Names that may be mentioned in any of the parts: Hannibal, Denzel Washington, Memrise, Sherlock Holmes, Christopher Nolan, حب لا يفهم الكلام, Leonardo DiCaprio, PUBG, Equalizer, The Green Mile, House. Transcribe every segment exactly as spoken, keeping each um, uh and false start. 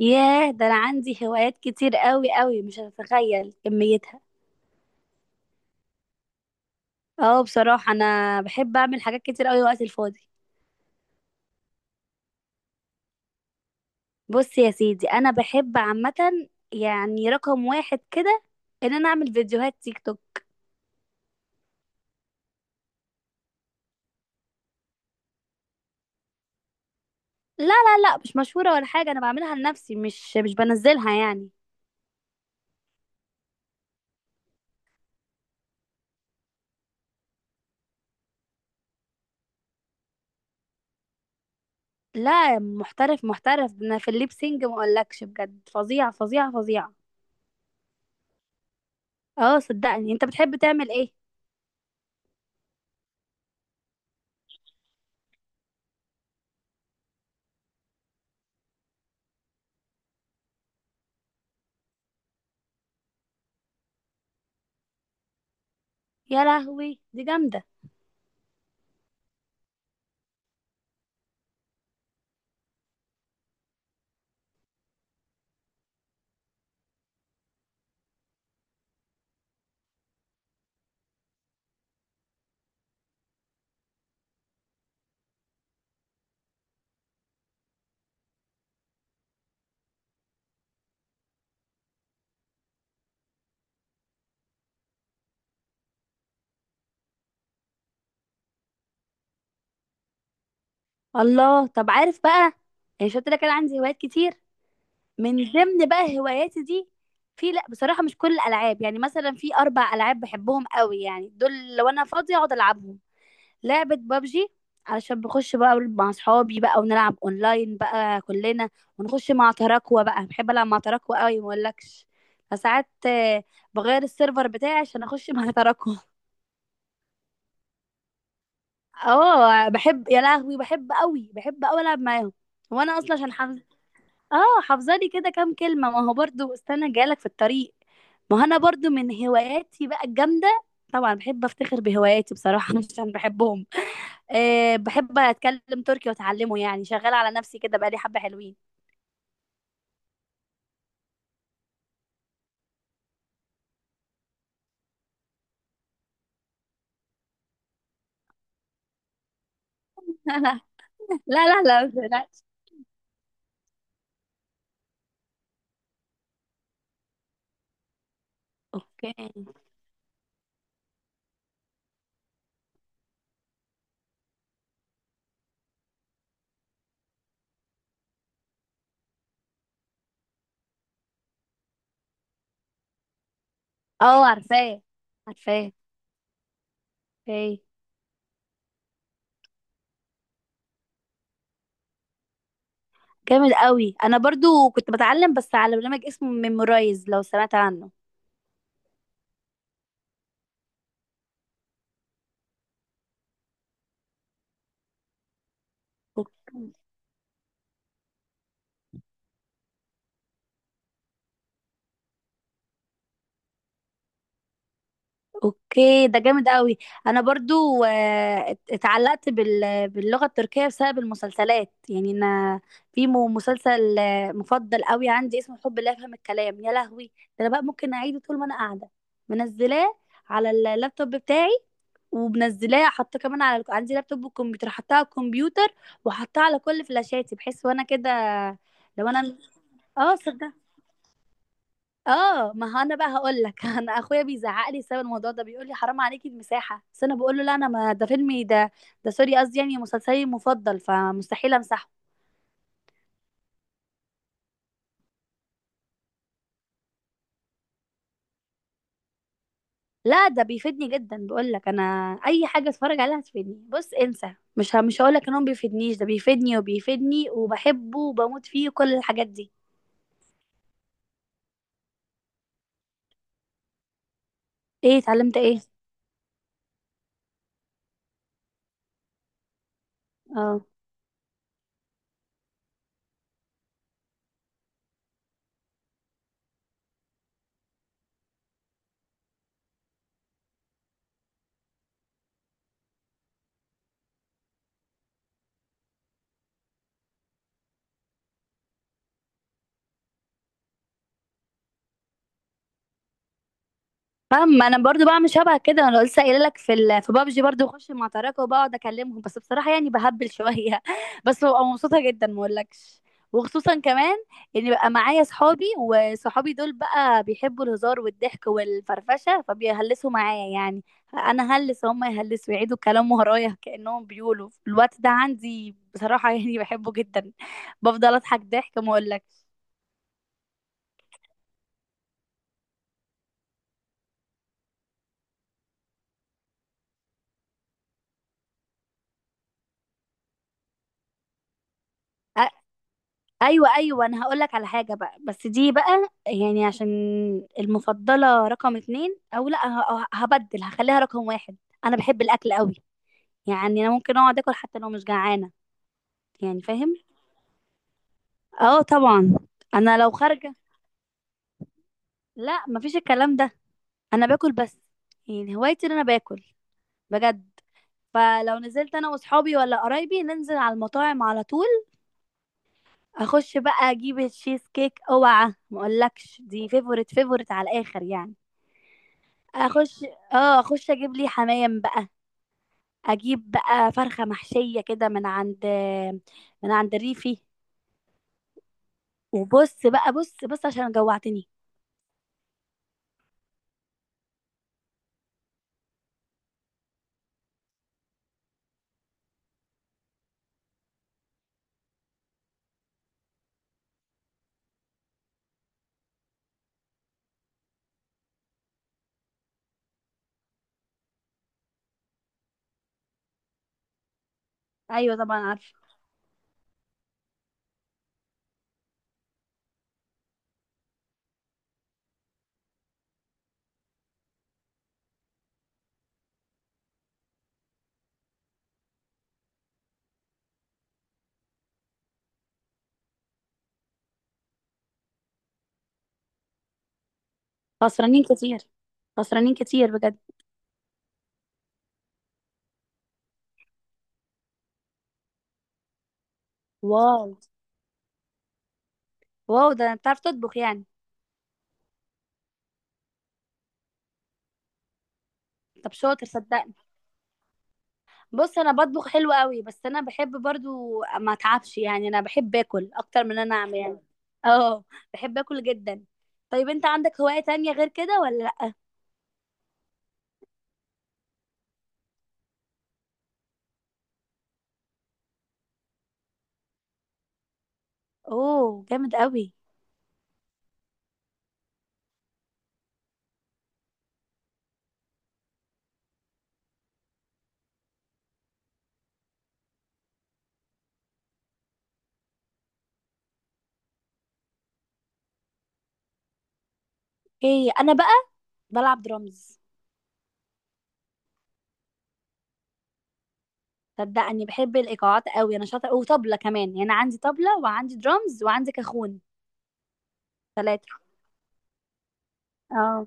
ياه، ده انا عندي هوايات كتير قوي قوي، مش هتتخيل كميتها. اه، بصراحة انا بحب اعمل حاجات كتير قوي وقت الفاضي. بص يا سيدي، انا بحب عامة، يعني رقم واحد كده ان انا اعمل فيديوهات تيك توك. لا، لا، لا، مش مشهورة ولا حاجة، انا بعملها لنفسي، مش مش بنزلها يعني. لا، محترف محترف، ده انا في الليبسينج ما اقولكش، بجد فظيعة فظيعة فظيعة. اه صدقني، انت بتحب تعمل ايه؟ يا لهوي، دي جامدة. الله، طب عارف بقى، يعني شفت لك انا عندي هوايات كتير، من ضمن بقى هواياتي دي. في لا بصراحة مش كل الالعاب، يعني مثلا في اربع العاب بحبهم قوي، يعني دول لو انا فاضية اقعد العبهم. لعبة بابجي، علشان بخش بقى مع اصحابي بقى ونلعب اونلاين بقى كلنا. ونخش مع تراكوة بقى، بحب العب مع تراكوة قوي ما اقولكش. فساعات آه، بغير السيرفر بتاعي عشان اخش مع تراكوة. اه بحب، يا لهوي بحب قوي، بحب قوي العب معاهم. وانا اصلا عشان حافظ اه حافظه لي كده كام كلمه، ما هو برضو استنى جايلك في الطريق. ما هو انا برضو من هواياتي بقى الجامده، طبعا بحب افتخر بهواياتي بصراحه، مش عشان بحبهم. أه بحب اتكلم تركي واتعلمه، يعني شغاله على نفسي كده بقى لي حبه حلوين. لا، لا، لا، لا، ما تقلقش. اوكي. اه، عارفاه، عارفاه. اوكي، جامد قوي، انا برضو كنت بتعلم بس على برنامج اسمه ميمورايز، لو سمعت عنه. أوكي. اوكي، ده جامد قوي. انا برضو آه، ات- اتعلقت بال- باللغه التركيه بسبب المسلسلات، يعني انا في م- مسلسل آه، مفضل قوي عندي اسمه حب لا يفهم الكلام، يا لهوي. ده انا بقى ممكن اعيده طول ما انا قاعده، منزلاه على اللابتوب بتاعي، ومنزلاه حاطاه كمان على عندي لابتوب وكمبيوتر، حطاه على الكمبيوتر، وحطاه على كل فلاشاتي بحيث وانا كده. لو انا، اه صدق. اه، ما هو انا بقى هقول لك، انا اخويا بيزعق لي بسبب الموضوع ده، بيقول لي حرام عليكي المساحه، بس انا بقول له لا انا، ما ده فيلمي ده. ده سوري، قصدي يعني مسلسلي المفضل، فمستحيل امسحه. لا، ده بيفيدني جدا، بقول لك انا اي حاجه اتفرج عليها هتفيدني. بص انسى، مش ه... مش هقول لك ان هو ما بيفيدنيش، ده بيفيدني وبيفيدني وبحبه وبموت فيه وكل الحاجات دي. ايه؟ اتعلمت ايه؟ اه فاهم. انا برضو بعمل شبه كده، انا لسه قايله لك في ال... في بابجي برضو اخش مع تراكة وبقعد اكلمهم، بس بصراحه يعني بهبل شويه بس ببقى مبسوطه جدا ما اقولكش. وخصوصا كمان، ان بقى معايا صحابي، وصحابي دول بقى بيحبوا الهزار والضحك والفرفشه، فبيهلسوا معايا يعني. انا هلس، هم يهلسوا، يعيدوا كلام ورايا كانهم بيقولوا، الوقت ده عندي بصراحه، يعني بحبه جدا. بفضل اضحك ضحك ما اقولكش. ايوه، ايوه، انا هقول لك على حاجه بقى، بس دي بقى يعني عشان المفضله رقم اتنين، او لا، ه- ه- هبدل هخليها رقم واحد. انا بحب الاكل قوي، يعني انا ممكن اقعد اكل حتى لو مش جعانه، يعني فاهم؟ اه، طبعا. انا لو خارجه، لا مفيش الكلام ده، انا باكل بس، يعني هوايتي ان انا باكل، بجد. فلو نزلت انا واصحابي ولا قرايبي، ننزل على المطاعم على طول، اخش بقى اجيب التشيز كيك، اوعى ما اقولكش دي فيفورت فيفورت على الاخر يعني. اخش اه اخش اجيب لي حمام بقى، اجيب بقى فرخه محشيه كده من عند من عند الريفي. وبص بقى بص بص، عشان جوعتني. ايوه طبعا عارفه. خسرانين كتير، خسرانين كتير بجد. واو. واو، ده انت بتعرف تطبخ يعني؟ طب شاطر صدقني. بص انا بطبخ حلو قوي، بس انا بحب برضو ما اتعبش، يعني انا بحب اكل اكتر من إن انا اعمل يعني. اه، بحب اكل جدا. طيب، انت عندك هواية تانية غير كده ولا لا؟ اوه، جامد قوي. ايه، انا بقى بلعب درامز. صدقني بحب الايقاعات قوي، انا شاطره، وطبله كمان، يعني عندي طبله وعندي درامز وعندي كاخون. ثلاثه. اه.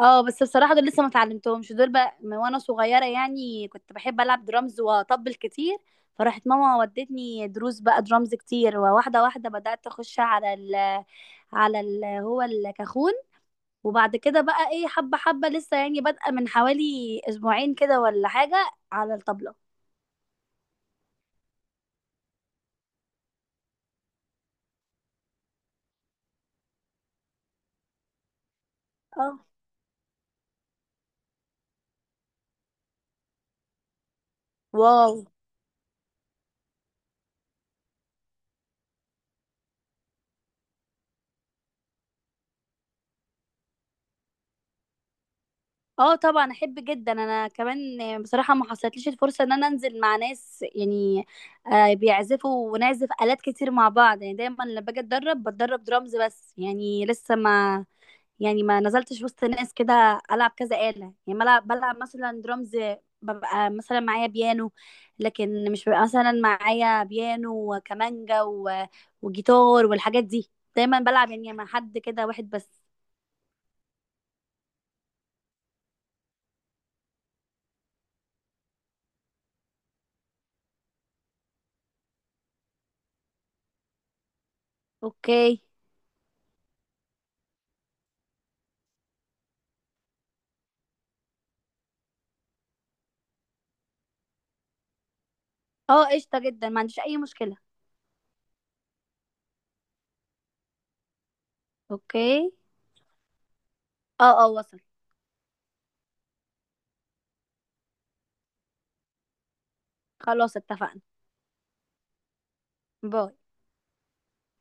اه، بس بصراحه دول لسه ما اتعلمتهمش، دول بقى من وانا صغيره، يعني كنت بحب العب درامز واطبل كتير. فراحت ماما ودتني دروس بقى درامز كتير، وواحده واحده بدات اخش على ال على ال هو الكاخون. وبعد كده بقى ايه، حبه حبه لسه يعني بادئه من حوالي اسبوعين كده ولا حاجه، على الطبله. اه. واو. اه طبعا، احب جدا. انا كمان بصراحه ما حصلتليش الفرصه ان انا انزل مع ناس يعني آه، بيعزفوا ونعزف الات كتير مع بعض، يعني دايما لما باجي اتدرب بتدرب درامز بس، يعني لسه ما. يعني ما نزلتش وسط ناس كده العب كذا آلة، يعني بلعب بلعب مثلا درامز. ببقى مثلا معايا بيانو، لكن مش ببقى مثلا معايا بيانو وكمانجا و- وجيتار والحاجات دي، دايما بلعب يعني مع حد كده واحد بس. اوكي. اه قشطه جدا، ما عنديش اي مشكله. اوكي. اه، اه، وصل. خلاص، اتفقنا. باي.